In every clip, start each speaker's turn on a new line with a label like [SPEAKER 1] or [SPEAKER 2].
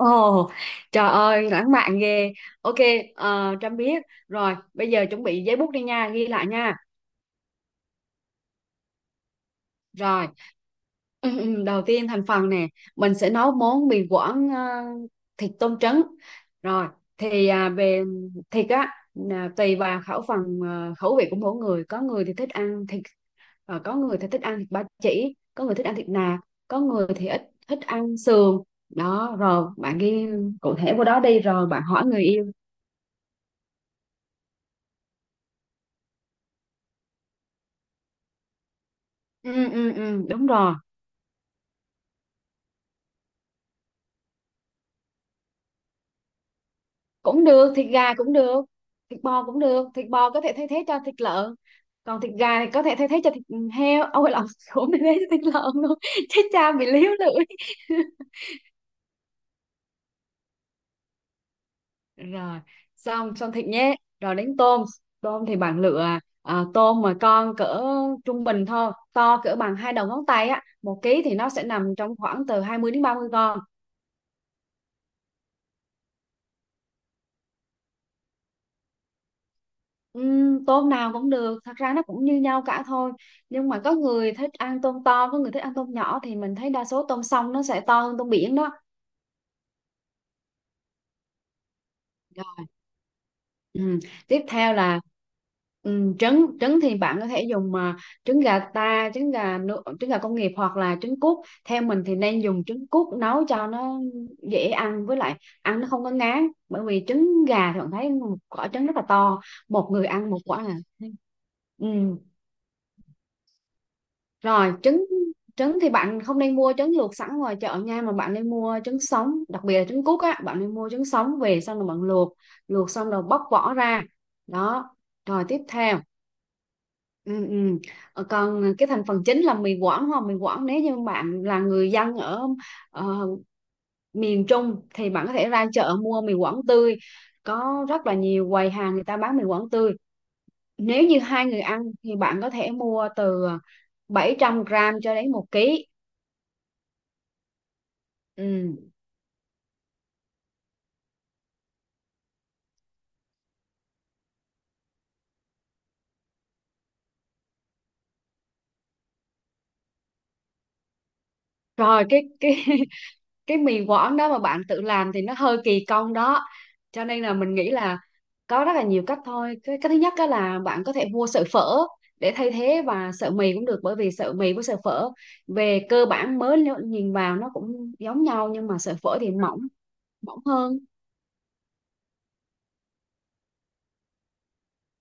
[SPEAKER 1] Ồ, trời ơi, lãng mạn ghê. Ok, Trâm biết. Rồi, bây giờ chuẩn bị giấy bút đi nha, ghi lại nha. Rồi, đầu tiên thành phần nè, mình sẽ nấu món mì Quảng thịt tôm trứng. Rồi, thì về thịt á, là tùy vào khẩu phần khẩu vị của mỗi người. Có người thì thích ăn thịt, có người thì thích ăn thịt ba chỉ, có người thích ăn thịt nạc, có người thì ít thích ăn sườn. Đó, rồi bạn ghi cụ thể vô đó đi, rồi bạn hỏi người yêu. Ừ đúng rồi, cũng được, thịt gà cũng được, thịt bò cũng được, thịt bò có thể thay thế cho thịt lợn, còn thịt gà thì có thể thay thế cho thịt heo, ôi lộn, cũng thay thế cho thịt lợn luôn. Chết cha bị líu lưỡi. Rồi, xong xong thịt nhé, rồi đến tôm. Tôm thì bạn lựa tôm mà con cỡ trung bình thôi, to cỡ bằng hai đầu ngón tay á, một ký thì nó sẽ nằm trong khoảng từ 20 đến 30 con. Tôm nào cũng được, thật ra nó cũng như nhau cả thôi, nhưng mà có người thích ăn tôm to, có người thích ăn tôm nhỏ, thì mình thấy đa số tôm sông nó sẽ to hơn tôm biển đó. Rồi. Ừm, Tiếp theo là trứng. Trứng thì bạn có thể dùng mà trứng gà ta, trứng gà công nghiệp hoặc là trứng cút. Theo mình thì nên dùng trứng cút nấu cho nó dễ ăn, với lại ăn nó không có ngán, bởi vì trứng gà thì bạn thấy một quả trứng rất là to, một người ăn một quả à. Ừ. Rồi trứng, trứng thì bạn không nên mua trứng luộc sẵn ngoài chợ nha, mà bạn nên mua trứng sống, đặc biệt là trứng cút á, bạn nên mua trứng sống về xong rồi bạn luộc, luộc xong rồi bóc vỏ ra. Đó. Rồi tiếp theo. Ừ, ừ. Còn cái thành phần chính là mì Quảng đúng không? Mì Quảng nếu như bạn là người dân ở ờ, miền Trung thì bạn có thể ra chợ mua mì Quảng tươi. Có rất là nhiều quầy hàng người ta bán mì Quảng tươi. Nếu như hai người ăn thì bạn có thể mua từ 700 gram cho đến một ký. Ừ. Rồi cái cái mì Quảng đó mà bạn tự làm thì nó hơi kỳ công đó. Cho nên là mình nghĩ là có rất là nhiều cách thôi. Cái thứ nhất đó là bạn có thể mua sợi phở để thay thế, và sợi mì cũng được, bởi vì sợi mì với sợi phở về cơ bản mới nếu nhìn vào nó cũng giống nhau, nhưng mà sợi phở thì mỏng mỏng hơn.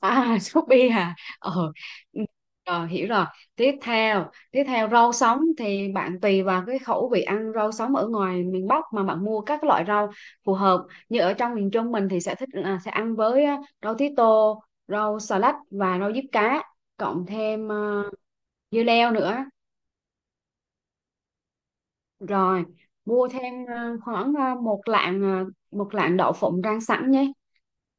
[SPEAKER 1] À, Shopee à. Ờ. ừ, Rồi, hiểu rồi. Tiếp theo, tiếp theo rau sống thì bạn tùy vào cái khẩu vị ăn rau sống ở ngoài miền Bắc mà bạn mua các loại rau phù hợp. Như ở trong miền Trung mình thì sẽ thích là sẽ ăn với rau tía tô, rau xà lách và rau diếp cá, cộng thêm dưa leo nữa. Rồi, mua thêm khoảng 100 gram một lạng đậu phộng rang sẵn nhé.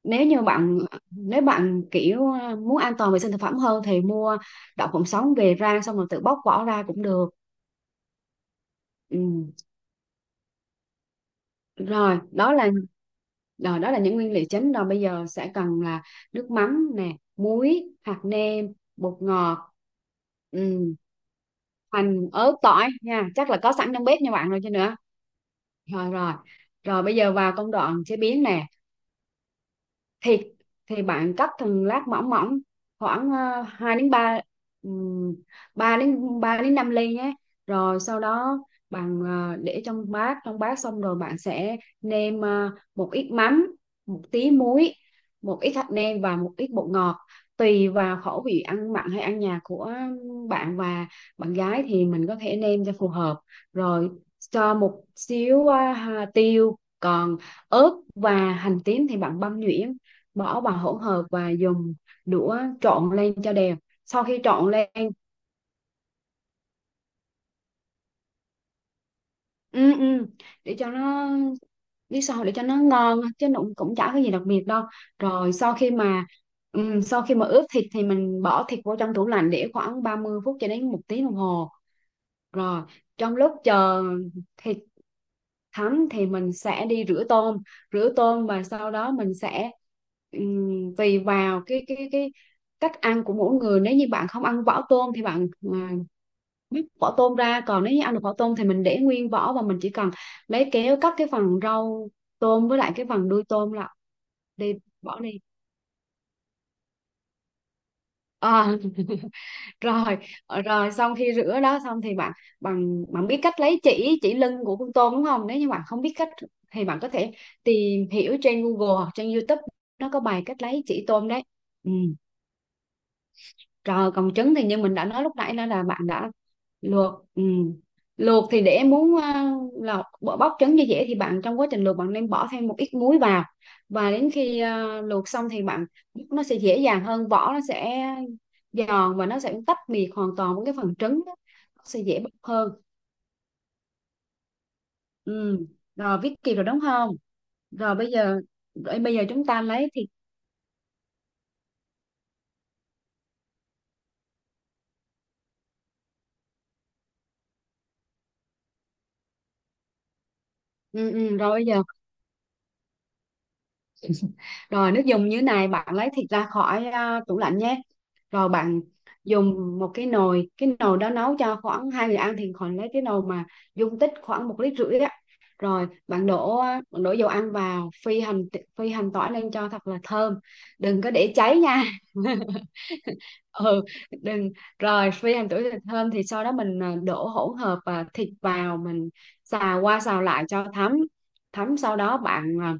[SPEAKER 1] Nếu như bạn nếu bạn kiểu muốn an toàn vệ sinh thực phẩm hơn thì mua đậu phộng sống về rang xong rồi tự bóc vỏ ra cũng được. Ừ. rồi đó là Rồi đó là những nguyên liệu chính. Rồi bây giờ sẽ cần là nước mắm nè, muối, hạt nêm, bột ngọt. Ừ. Hành, ớt, tỏi nha, chắc là có sẵn trong bếp nha bạn, rồi chứ nữa. Rồi rồi, rồi bây giờ vào công đoạn chế biến nè, thì thì bạn cắt thành lát mỏng mỏng khoảng 2 đến ba, 3 đến 5 ly nhé. Rồi sau đó bạn để trong bát, trong bát xong rồi bạn sẽ nêm một ít mắm, một tí muối, một ít hạt nêm và một ít bột ngọt, tùy vào khẩu vị ăn mặn hay ăn nhạt của bạn và bạn gái thì mình có thể nêm cho phù hợp. Rồi cho một xíu tiêu. Còn ớt và hành tím thì bạn băm nhuyễn, bỏ vào hỗn hợp và dùng đũa trộn lên cho đều. Sau khi trộn lên, ừ, ừ, để cho nó biết sao, để cho nó ngon chứ nó cũng cũng chả có gì đặc biệt đâu. Rồi sau khi mà sau khi mà ướp thịt thì mình bỏ thịt vô trong tủ lạnh để khoảng 30 phút cho đến một tiếng đồng hồ. Rồi trong lúc chờ thịt thấm thì mình sẽ đi rửa tôm, rửa tôm, và sau đó mình sẽ tùy vào cái cách ăn của mỗi người, nếu như bạn không ăn vỏ tôm thì bạn à, bóc vỏ tôm ra, còn nếu như ăn được vỏ tôm thì mình để nguyên vỏ và mình chỉ cần lấy kéo cắt cái phần rau tôm với lại cái phần đuôi tôm là đi, bỏ đi. à, Rồi rồi, xong khi rửa đó xong thì bạn, bạn biết cách lấy chỉ lưng của con tôm đúng không? Nếu như bạn không biết cách thì bạn có thể tìm hiểu trên Google hoặc trên YouTube, nó có bài cách lấy chỉ tôm đấy. Ừ. Rồi còn trứng thì như mình đã nói lúc nãy đó là bạn đã luộc. Ừ. Luộc thì để muốn bóc trứng cho dễ thì bạn, trong quá trình luộc bạn nên bỏ thêm một ít muối vào, và đến khi luộc xong thì bạn, nó sẽ dễ dàng hơn, vỏ nó sẽ giòn và nó sẽ tách biệt hoàn toàn với cái phần trứng đó. Nó sẽ dễ bóc hơn. Ừ. Rồi viết kịp rồi đúng không? Rồi bây giờ rồi bây giờ chúng ta lấy thịt. Ừ, ừ, rồi bây giờ Rồi nước dùng như này, bạn lấy thịt ra khỏi tủ lạnh nhé. Rồi bạn dùng một cái nồi, cái nồi đó nấu cho khoảng hai người ăn thì khoảng lấy cái nồi mà dung tích khoảng một lít rưỡi á. Rồi bạn đổ, bạn đổ dầu ăn vào, phi hành, phi hành tỏi lên cho thật là thơm, đừng có để cháy nha. Ừ, đừng. Rồi phi hành tỏi thật thơm thì sau đó mình đổ hỗn hợp thịt vào, mình xào qua xào lại cho thấm, thấm sau đó bạn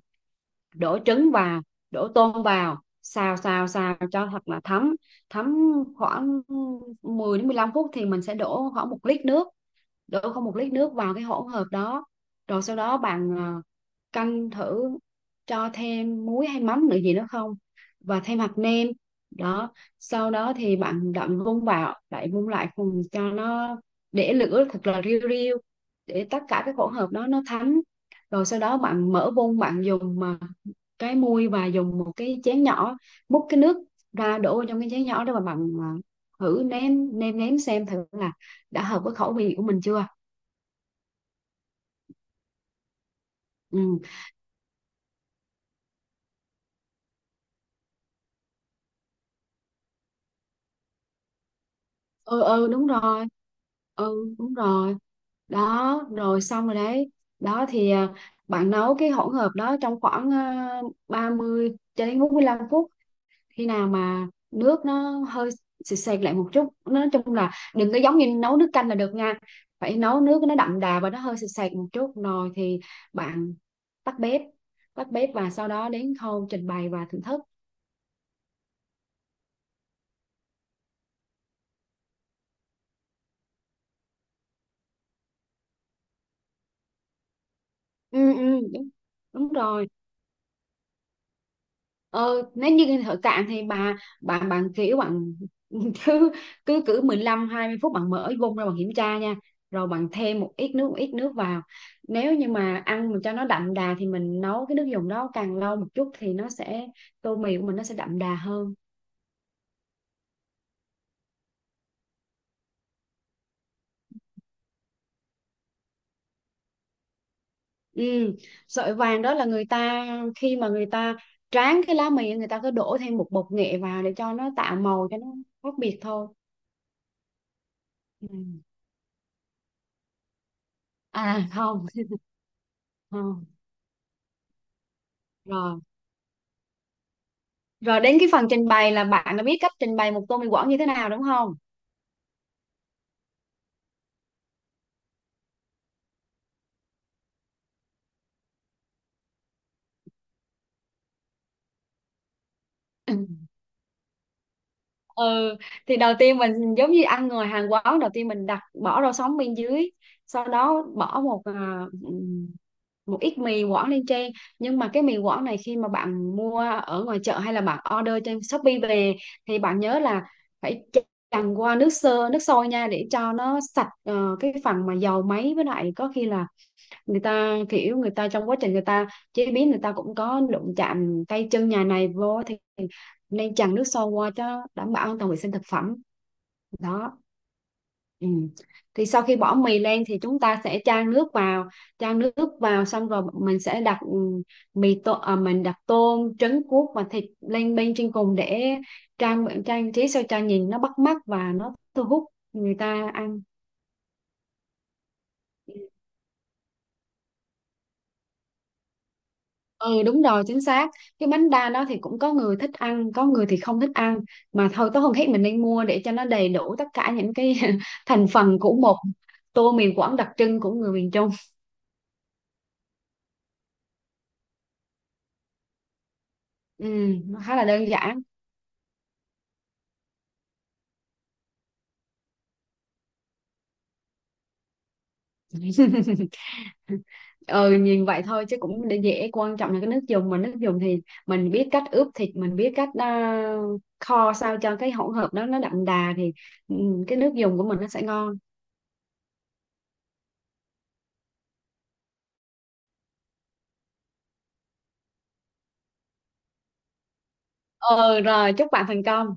[SPEAKER 1] đổ trứng vào, đổ tôm vào xào xào xào cho thật là thấm, thấm khoảng 10 đến 15 phút thì mình sẽ đổ khoảng một lít nước, đổ không một lít nước vào cái hỗn hợp đó. Rồi sau đó bạn canh thử cho thêm muối hay mắm nữa gì nữa không, và thêm hạt nêm. Đó, sau đó thì bạn đậm vung vào lại, vung lại cùng cho nó, để lửa thật là riu riu để tất cả cái hỗn hợp đó nó thấm. Rồi sau đó bạn mở bung, bạn dùng mà cái muôi và dùng một cái chén nhỏ múc cái nước ra đổ vào trong cái chén nhỏ đó và bạn thử nếm, nêm nếm xem thử là đã hợp với khẩu vị của mình chưa. Ừ ừ ừ đúng rồi, ừ đúng rồi. Đó rồi, xong rồi đấy. Đó thì bạn nấu cái hỗn hợp đó trong khoảng 30 cho đến 45 phút, khi nào mà nước nó hơi sệt sệt lại một chút, nói chung là đừng có giống như nấu nước canh là được nha, phải nấu nước nó đậm đà và nó hơi sệt sệt một chút, rồi thì bạn tắt bếp, tắt bếp và sau đó đến khâu trình bày và thưởng thức. Ừ đúng, đúng rồi. Ờ, nếu như thợ cạn thì bạn, bạn kiểu bạn cứ cứ cứ 15 20 phút bạn mở vung ra bạn kiểm tra nha, rồi bạn thêm một ít nước, một ít nước vào. Nếu như mà ăn mà cho nó đậm đà thì mình nấu cái nước dùng đó càng lâu một chút thì nó sẽ, tô mì của mình nó sẽ đậm đà hơn. Ừ. Sợi vàng đó là người ta, khi mà người ta tráng cái lá mì, người ta cứ đổ thêm một bột nghệ vào để cho nó tạo màu, cho nó khác biệt thôi. Ừ. À không, không. Rồi, rồi đến cái phần trình bày là bạn đã biết cách trình bày một tô mì Quảng như thế nào đúng không? Ừ, thì đầu tiên mình giống như ăn người Hàn quán, đầu tiên mình đặt bỏ rau sống bên dưới, sau đó bỏ một ừm, một ít mì Quảng lên trên. Nhưng mà cái mì Quảng này khi mà bạn mua ở ngoài chợ hay là bạn order trên Shopee về thì bạn nhớ là phải chần qua nước sơ, nước sôi nha, để cho nó sạch cái phần mà dầu máy, với lại có khi là người ta kiểu, người ta trong quá trình người ta chế biến, người ta cũng có đụng chạm tay chân nhà này vô, thì nên chần nước sôi qua cho đảm bảo an toàn vệ sinh thực phẩm. Đó. Ừ. Thì sau khi bỏ mì lên thì chúng ta sẽ chan nước vào, chan nước vào xong rồi mình sẽ đặt mình đặt tôm, trứng cuốc và thịt lên bên trên cùng, để trang trang trí sao cho nhìn nó bắt mắt và nó thu hút người ta ăn. Ừ đúng rồi, chính xác. Cái bánh đa đó thì cũng có người thích ăn, có người thì không thích ăn, mà thôi có hôm khác mình nên mua để cho nó đầy đủ tất cả những cái thành phần của một tô miền Quảng đặc trưng của người miền Trung. Ừ, nó khá là đơn giản. Ừ nhìn vậy thôi chứ cũng để dễ. Quan trọng là cái nước dùng. Mà nước dùng thì mình biết cách ướp thịt, mình biết cách kho sao cho cái hỗn hợp đó nó đậm đà, thì ừ, cái nước dùng của mình nó sẽ ngon. Ừ rồi, chúc bạn thành công.